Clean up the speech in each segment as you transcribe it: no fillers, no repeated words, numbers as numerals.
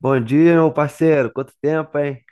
Bom dia, meu parceiro. Quanto tempo, hein?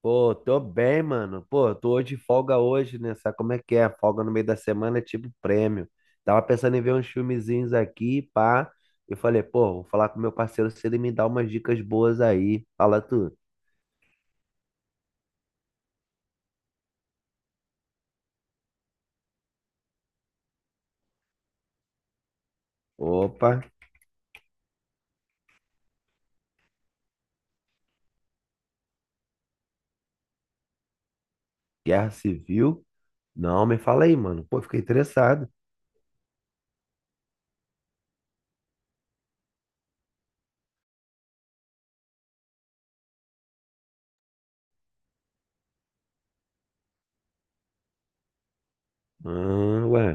Pô, tô bem, mano. Pô, tô hoje de folga hoje, né? Sabe como é que é? Folga no meio da semana é tipo prêmio. Tava pensando em ver uns filmezinhos aqui, pá. Eu falei, pô, vou falar com meu parceiro se ele me dá umas dicas boas aí. Fala tu. Opa, Guerra Civil? Não, me fala aí, mano. Pô, fiquei interessado. Ah, ué.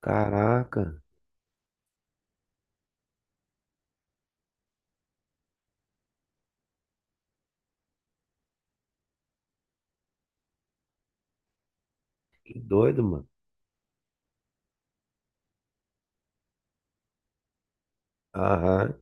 Caraca, que doido, mano. Aham.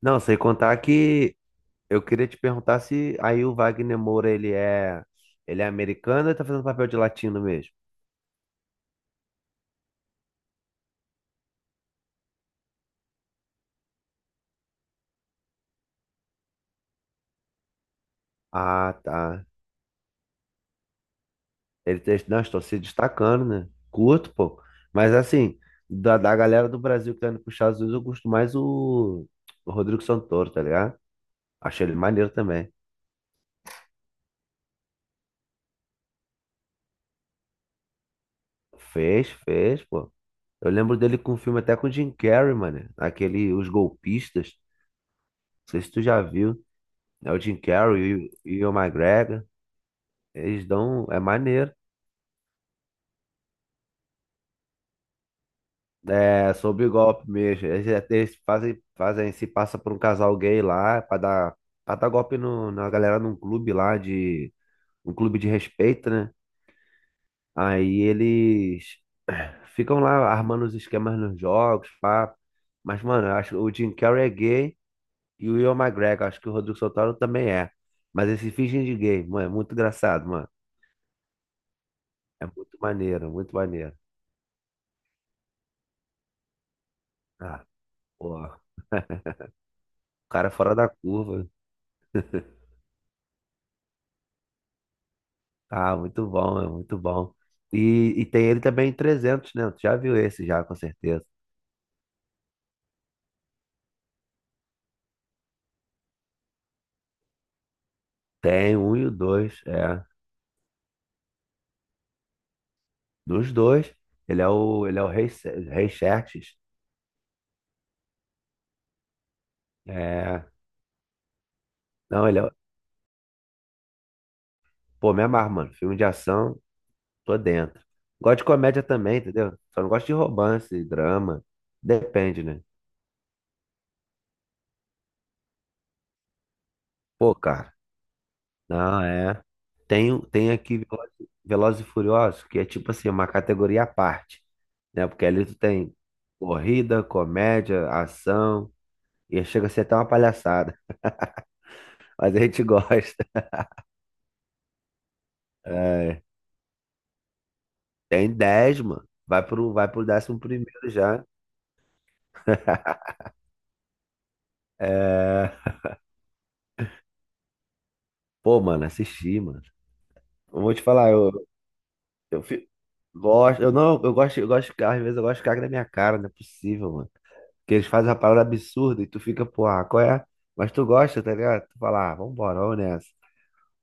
Não, sem contar que eu queria te perguntar se aí o Wagner Moura, ele é americano ou ele tá fazendo papel de latino mesmo? Ah, tá. Ele tá, não, estou se destacando, né? Curto, pô. Mas assim, da galera do Brasil que tá indo pros Estados Unidos, eu gosto mais o Rodrigo Santoro, tá ligado? Achei ele maneiro também. Fez, fez, pô. Eu lembro dele com um filme até com o Jim Carrey, mano. Aquele Os Golpistas. Não sei se tu já viu. É o Jim Carrey e o Ewan McGregor. Eles dão. É maneiro. É, sob golpe mesmo. Eles fazem, fazem, se passa por um casal gay lá pra dar golpe no, na galera num clube lá de, um clube de respeito, né? Aí eles ficam lá armando os esquemas nos jogos, pá. Mas, mano, eu acho que o Jim Carrey é gay e o Ewan McGregor, acho que o Rodrigo Santoro também é. Mas eles se fingem de gay, mano, é muito engraçado, mano. É muito maneiro, muito maneiro. Ah, porra. O cara é fora da curva. Ah, muito bom, é muito bom. E tem ele também em 300, né? Tu já viu esse já, com certeza. Tem um e o dois, é. Dos dois, ele é o Rei, Rei Xerxes. É. Não, pô, me amarro, mano. Filme de ação, tô dentro. Gosto de comédia também, entendeu? Só não gosto de romance, drama. Depende, né? Pô, cara, não, é. Tem, tem aqui Velozes e Furiosos, que é tipo assim, uma categoria à parte, né? Porque ali tu tem corrida, comédia, ação, e chega a ser até uma palhaçada, mas a gente gosta. É, tem 10, mano. Vai pro décimo primeiro já. É, pô, mano, assisti, mano. Eu vou te falar, eu fi- gosto, eu não, eu gosto de carro, às vezes eu gosto de carro na minha cara, não é possível, mano. Que eles fazem uma parada absurda e tu fica, pô, ah, qual é? Mas tu gosta, tá ligado? Tu fala, ah, vambora, vamos nessa.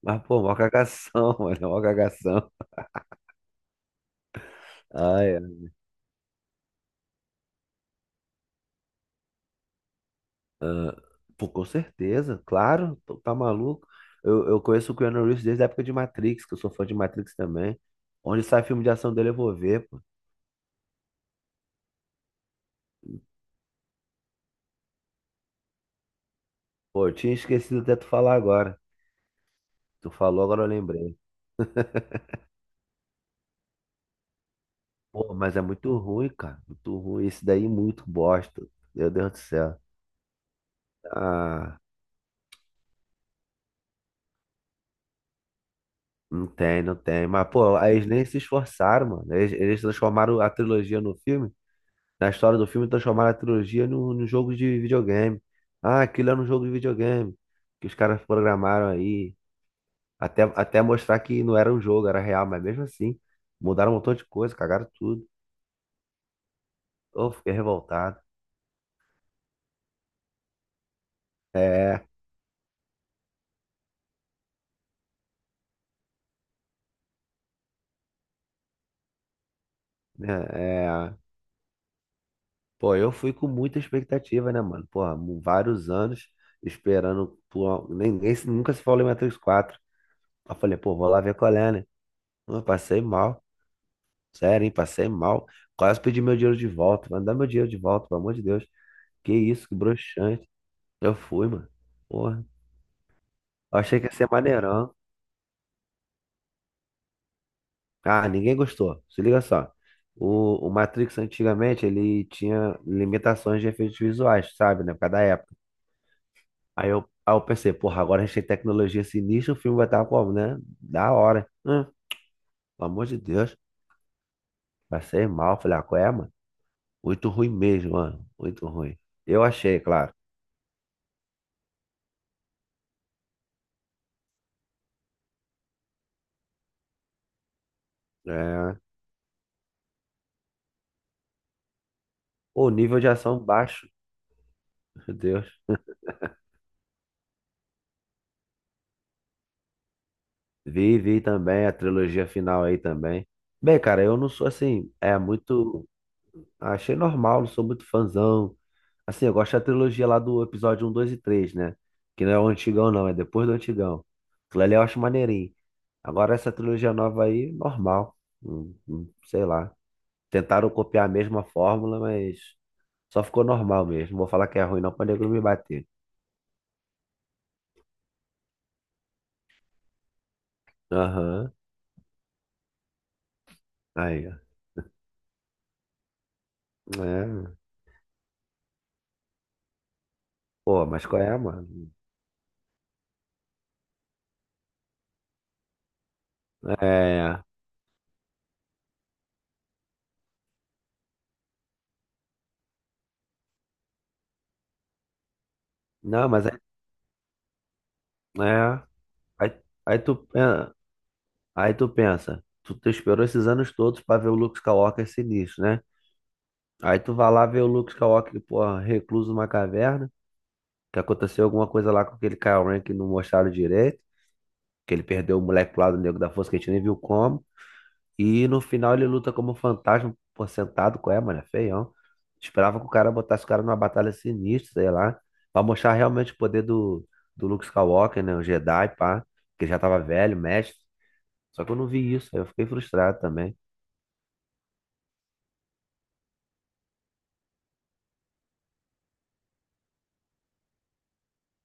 Mas, pô, mó cagação, mano, mó cagação. Ah, é. Pô, com certeza, claro, tu tá maluco. Eu conheço o Keanu Reeves desde a época de Matrix, que eu sou fã de Matrix também. Onde sai filme de ação dele, eu vou ver, pô. Pô, eu tinha esquecido até tu falar agora. Tu falou, agora eu lembrei. Pô, mas é muito ruim, cara. Muito ruim. Esse daí é muito bosta. Meu Deus do céu. Ah. Não tem, não tem. Mas, pô, aí eles nem se esforçaram, mano. Eles transformaram a trilogia no filme. Na história do filme, transformaram a trilogia no jogo de videogame. Ah, aquilo era um jogo de videogame. Que os caras programaram aí. Até mostrar que não era um jogo, era real. Mas mesmo assim, mudaram um montão de coisa, cagaram tudo. Eu fiquei revoltado. É, né, é. Pô, eu fui com muita expectativa, né, mano? Porra, vários anos esperando. Por... Ninguém se- nunca se falou em Matrix quatro. Aí eu falei, pô, vou lá ver qual é, né? Eu passei mal, sério, hein? Passei mal. Quase pedi meu dinheiro de volta. Vai me dar meu dinheiro de volta, pelo amor de Deus. Que isso, que broxante. Eu fui, mano. Porra. Eu achei que ia ser maneirão. Ah, ninguém gostou. Se liga só. O Matrix antigamente ele tinha limitações de efeitos visuais, sabe, né? Por causa da época. Aí eu pensei, porra, agora a gente tem tecnologia sinistra, o filme vai estar como, né? Da hora. Pelo amor de Deus. Passei mal. Falei, ah, qual é, mano? Muito ruim mesmo, mano. Muito ruim. Eu achei, claro. É. O nível de ação baixo, meu Deus. Vi, vi também a trilogia final aí também. Bem, cara, eu não sou assim, é muito. Achei normal, não sou muito fãzão. Assim, eu gosto da trilogia lá do episódio um 2 e três, né? Que não é o antigão, não, é depois do antigão. Aquilo ali eu acho maneirinho. Agora essa trilogia nova aí, normal. Sei lá. Tentaram copiar a mesma fórmula, mas. Só ficou normal mesmo. Não vou falar que é ruim, não, pra nego não me bater. Aham. Aí, ó. É. Pô, mas qual é, mano? É. Não, mas é. É. Aí, aí tu, pen- aí tu pensa, tu esperou esses anos todos pra ver o Luke Skywalker sinistro, né? Aí tu vai lá ver o Luke Skywalker, pô, recluso numa caverna, que aconteceu alguma coisa lá com aquele Kylo Ren que não mostraram direito, que ele perdeu o moleque pro lado negro da força, que a gente nem viu como. E no final ele luta como um fantasma, pô, sentado, qual é, mano? É feião. Esperava que o cara botasse o cara numa batalha sinistra, sei lá. Pra mostrar realmente o poder do Luke Skywalker, né? O Jedi, pá. Que já tava velho, mestre. Só que eu não vi isso, aí eu fiquei frustrado também.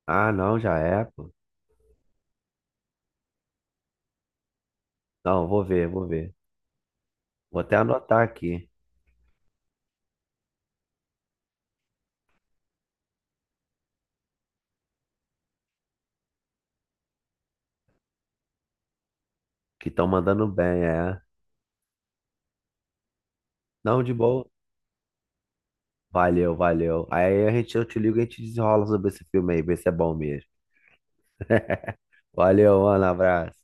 Ah, não, já é, pô. Não, vou ver, vou ver. Vou até anotar aqui, que estão mandando bem, é. Não, de boa. Valeu, valeu. Aí a gente, eu te ligo e a gente desenrola sobre esse filme aí, ver se é bom mesmo. Valeu, mano, abraço.